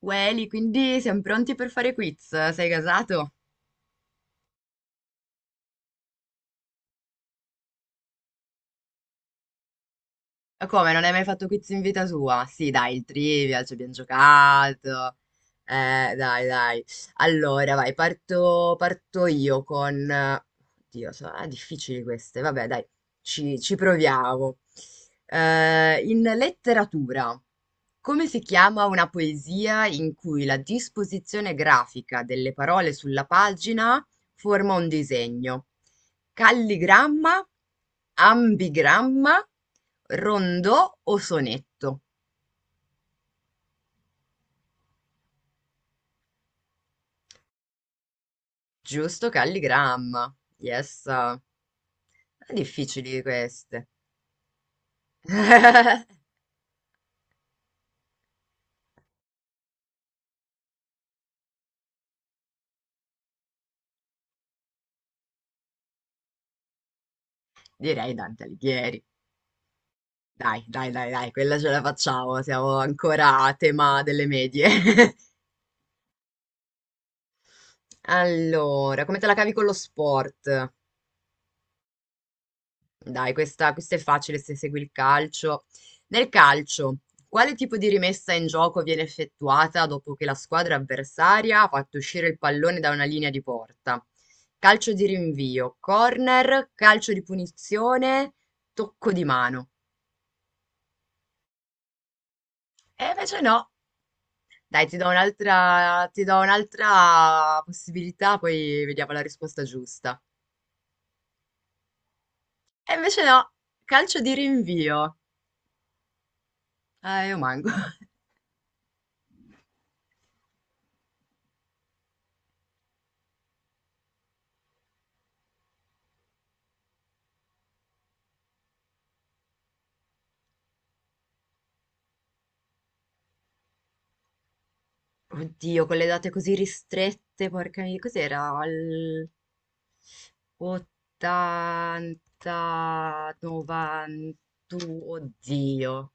Welly, quindi siamo pronti per fare quiz? Sei casato? Ma come, non hai mai fatto quiz in vita tua? Sì, dai, il trivial, ci abbiamo giocato. Dai, dai. Allora, vai, parto io con... Oddio, sono difficili queste. Vabbè, dai, ci proviamo. In letteratura, come si chiama una poesia in cui la disposizione grafica delle parole sulla pagina forma un disegno? Calligramma, ambigramma, rondò o sonetto. Giusto, calligramma. Yes. Difficili queste. Direi Dante Alighieri. Dai, dai, dai, dai, quella ce la facciamo. Siamo ancora a tema delle medie. Allora, come te la cavi con lo sport? Dai, questa è facile se segui il calcio. Nel calcio, quale tipo di rimessa in gioco viene effettuata dopo che la squadra avversaria ha fatto uscire il pallone da una linea di porta? Calcio di rinvio, corner, calcio di punizione, tocco di mano. E invece no. Dai, ti do un'altra possibilità, poi vediamo la risposta giusta. E invece no, calcio di rinvio. Io manco. Oddio, con le date così ristrette, porca miseria, cos'era? Al 80, 91, oddio.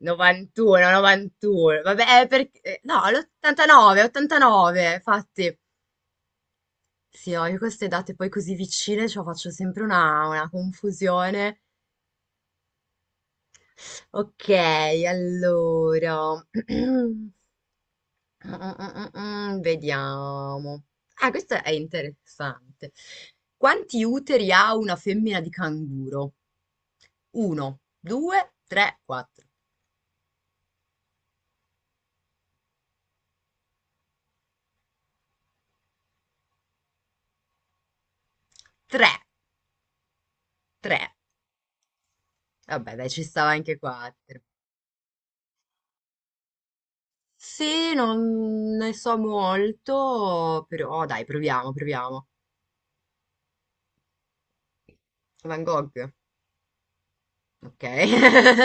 91, 91, vabbè, No, l'89, 89, infatti. Sì, ho io queste date poi così vicine, cioè faccio sempre una confusione. Ok, allora... Vediamo. Ah, questo è interessante. Quanti uteri ha una femmina di canguro? Uno, due, tre, quattro. Tre, tre. Vabbè, dai, ci stava anche quattro. Sì, non ne so molto, però dai, proviamo, proviamo. Van Gogh, ok?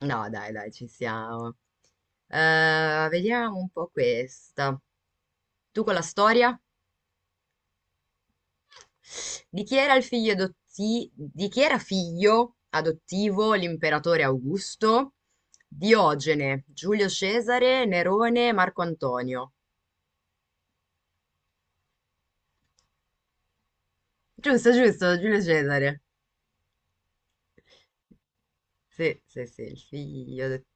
No, dai, dai, ci siamo. Vediamo un po' questa. Tu con la storia? Di chi era figlio adottivo l'imperatore Augusto? Diogene, Giulio Cesare, Nerone, Marco Antonio. Giusto, giusto, Giulio Cesare. Sì, sì, sì, il figlio adottivo.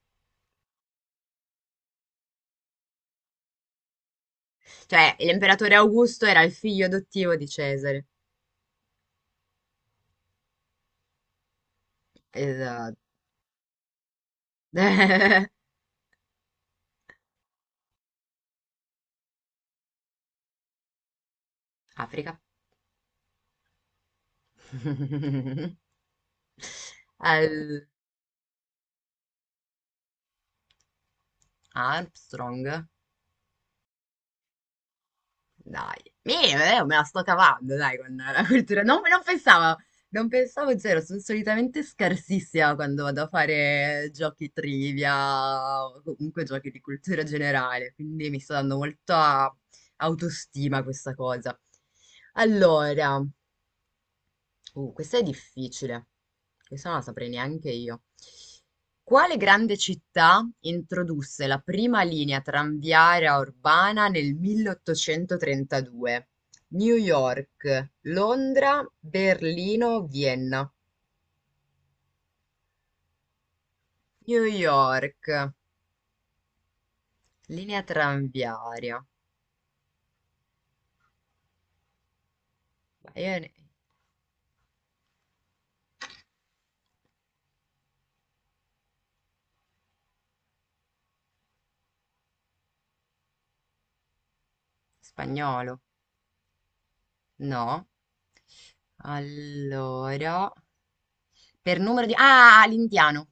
Cioè, l'imperatore Augusto era il figlio adottivo di Cesare. Esatto. Africa. Al- Armstrong. Dai, me la sto cavando, dai, con la cultura. Non pensavo, non pensavo zero, sono solitamente scarsissima quando vado a fare giochi trivia o comunque giochi di cultura generale, quindi mi sta dando molta autostima a questa cosa. Allora, questa è difficile. Questa non la saprei neanche io. Quale grande città introdusse la prima linea tranviaria urbana nel 1832? New York, Londra, Berlino, Vienna. New York, linea tranviaria. Ma Io ne- Spagnolo, no? Allora, per numero di... Ah, l'indiano.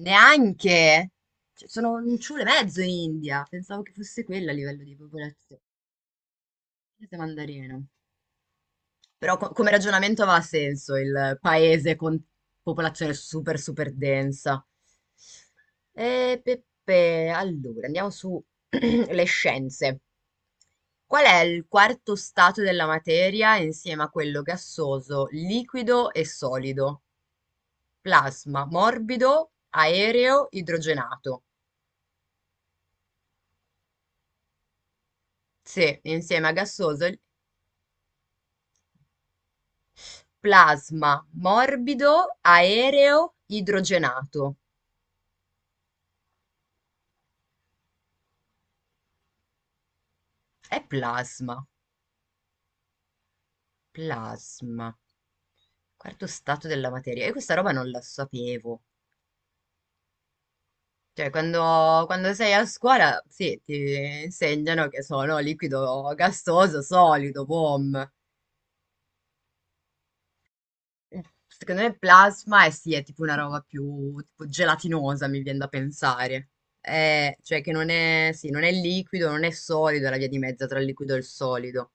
Neanche? Cioè, sono un ciule e mezzo in India. Pensavo che fosse quella a livello di popolazione. Forse mandarino. Però come ragionamento aveva senso il paese con popolazione super super densa. E Peppe, allora andiamo su le scienze. Qual è il quarto stato della materia insieme a quello gassoso, liquido e solido? Plasma, morbido, aereo, idrogenato. Sì, insieme a gassoso, il plasma morbido aereo idrogenato. È plasma, plasma, quarto stato della materia. E questa roba non la sapevo. Cioè, quando sei a scuola, sì, ti insegnano che sono liquido gassoso, solido, boom. Secondo me plasma è sì, è tipo una roba più tipo gelatinosa, mi viene da pensare. Cioè che non è, sì, non è liquido, non è solido, è la via di mezzo tra il liquido e il solido.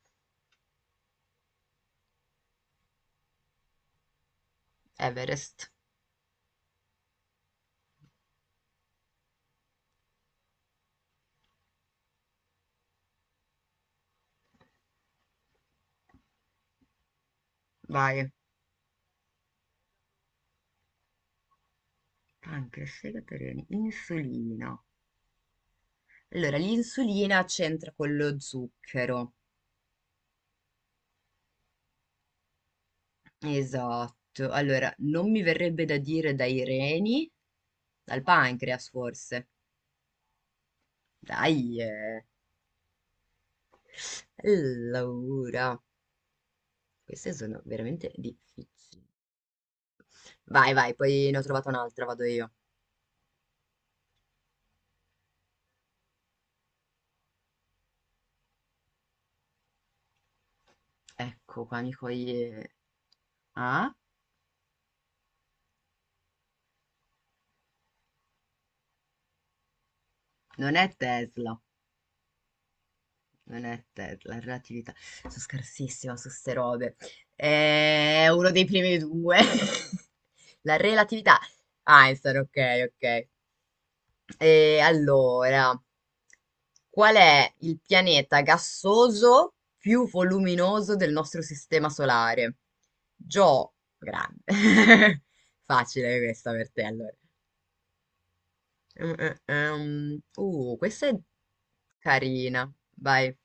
Everest, vai. Pancreas, fegato, reni, insulina. Allora, l'insulina c'entra con lo zucchero. Esatto. Allora, non mi verrebbe da dire dai reni, dal pancreas forse. Dai, eh. Allora. Queste sono veramente difficili. Vai, vai, poi ne ho trovata un'altra, vado io. Ecco qua, amico. Ah, Non è Tesla. Non è te- La relatività. Sono scarsissima su ste robe. È uno dei primi due. La relatività. Einstein, ok, ok. E allora, qual è il pianeta gassoso più voluminoso del nostro sistema solare? Gio, grande. Facile questa per te, allora. Mm, mm. Questa è carina. Vai,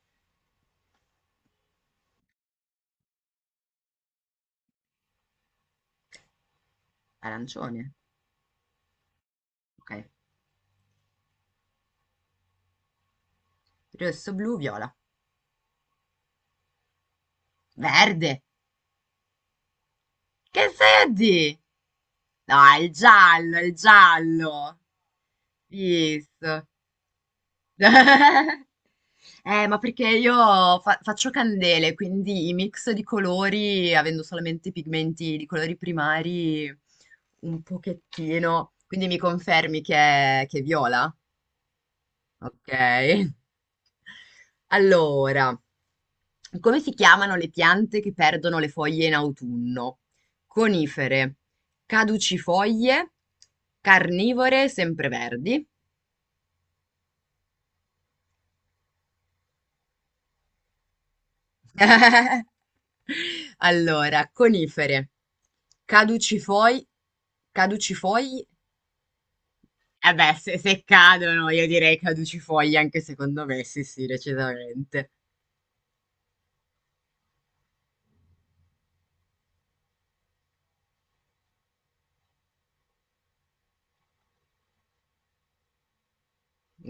arancione. Ok. Rosso, blu, viola. Verde! Che vedi? No, è il giallo, è il giallo. Visto. Ma perché io faccio candele, quindi i mix di colori, avendo solamente pigmenti di colori primari, un pochettino. Quindi mi confermi che che è viola? Ok. Allora, come si chiamano le piante che perdono le foglie in autunno? Conifere, caducifoglie, carnivore, sempreverdi. Allora, conifere, caducifoglie, caducifoglie. Eh beh, se cadono, io direi caducifoglie anche secondo me, sì, sì, decisamente.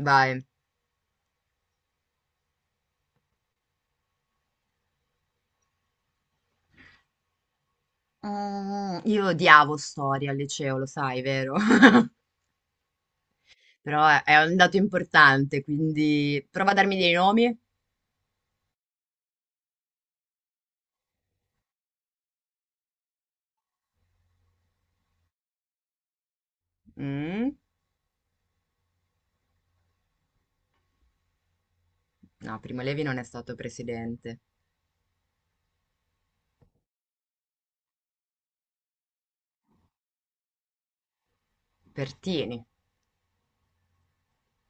Vai. Mm, io odiavo storia al liceo, lo sai, vero? Però è È un dato importante, quindi prova a darmi dei nomi. Mm? No, Primo Levi non è stato presidente. Pertini.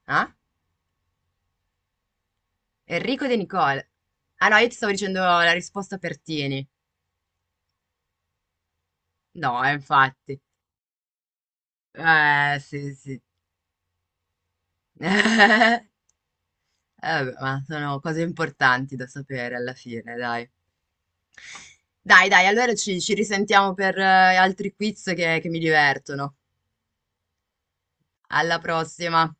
Ah? Enrico De Nicole. Ah no, io ti stavo dicendo la risposta Pertini. No, infatti. Sì, sì. Vabbè, ma sono cose importanti da sapere alla fine, dai. Dai, dai, allora ci risentiamo per altri quiz che mi divertono. Alla prossima.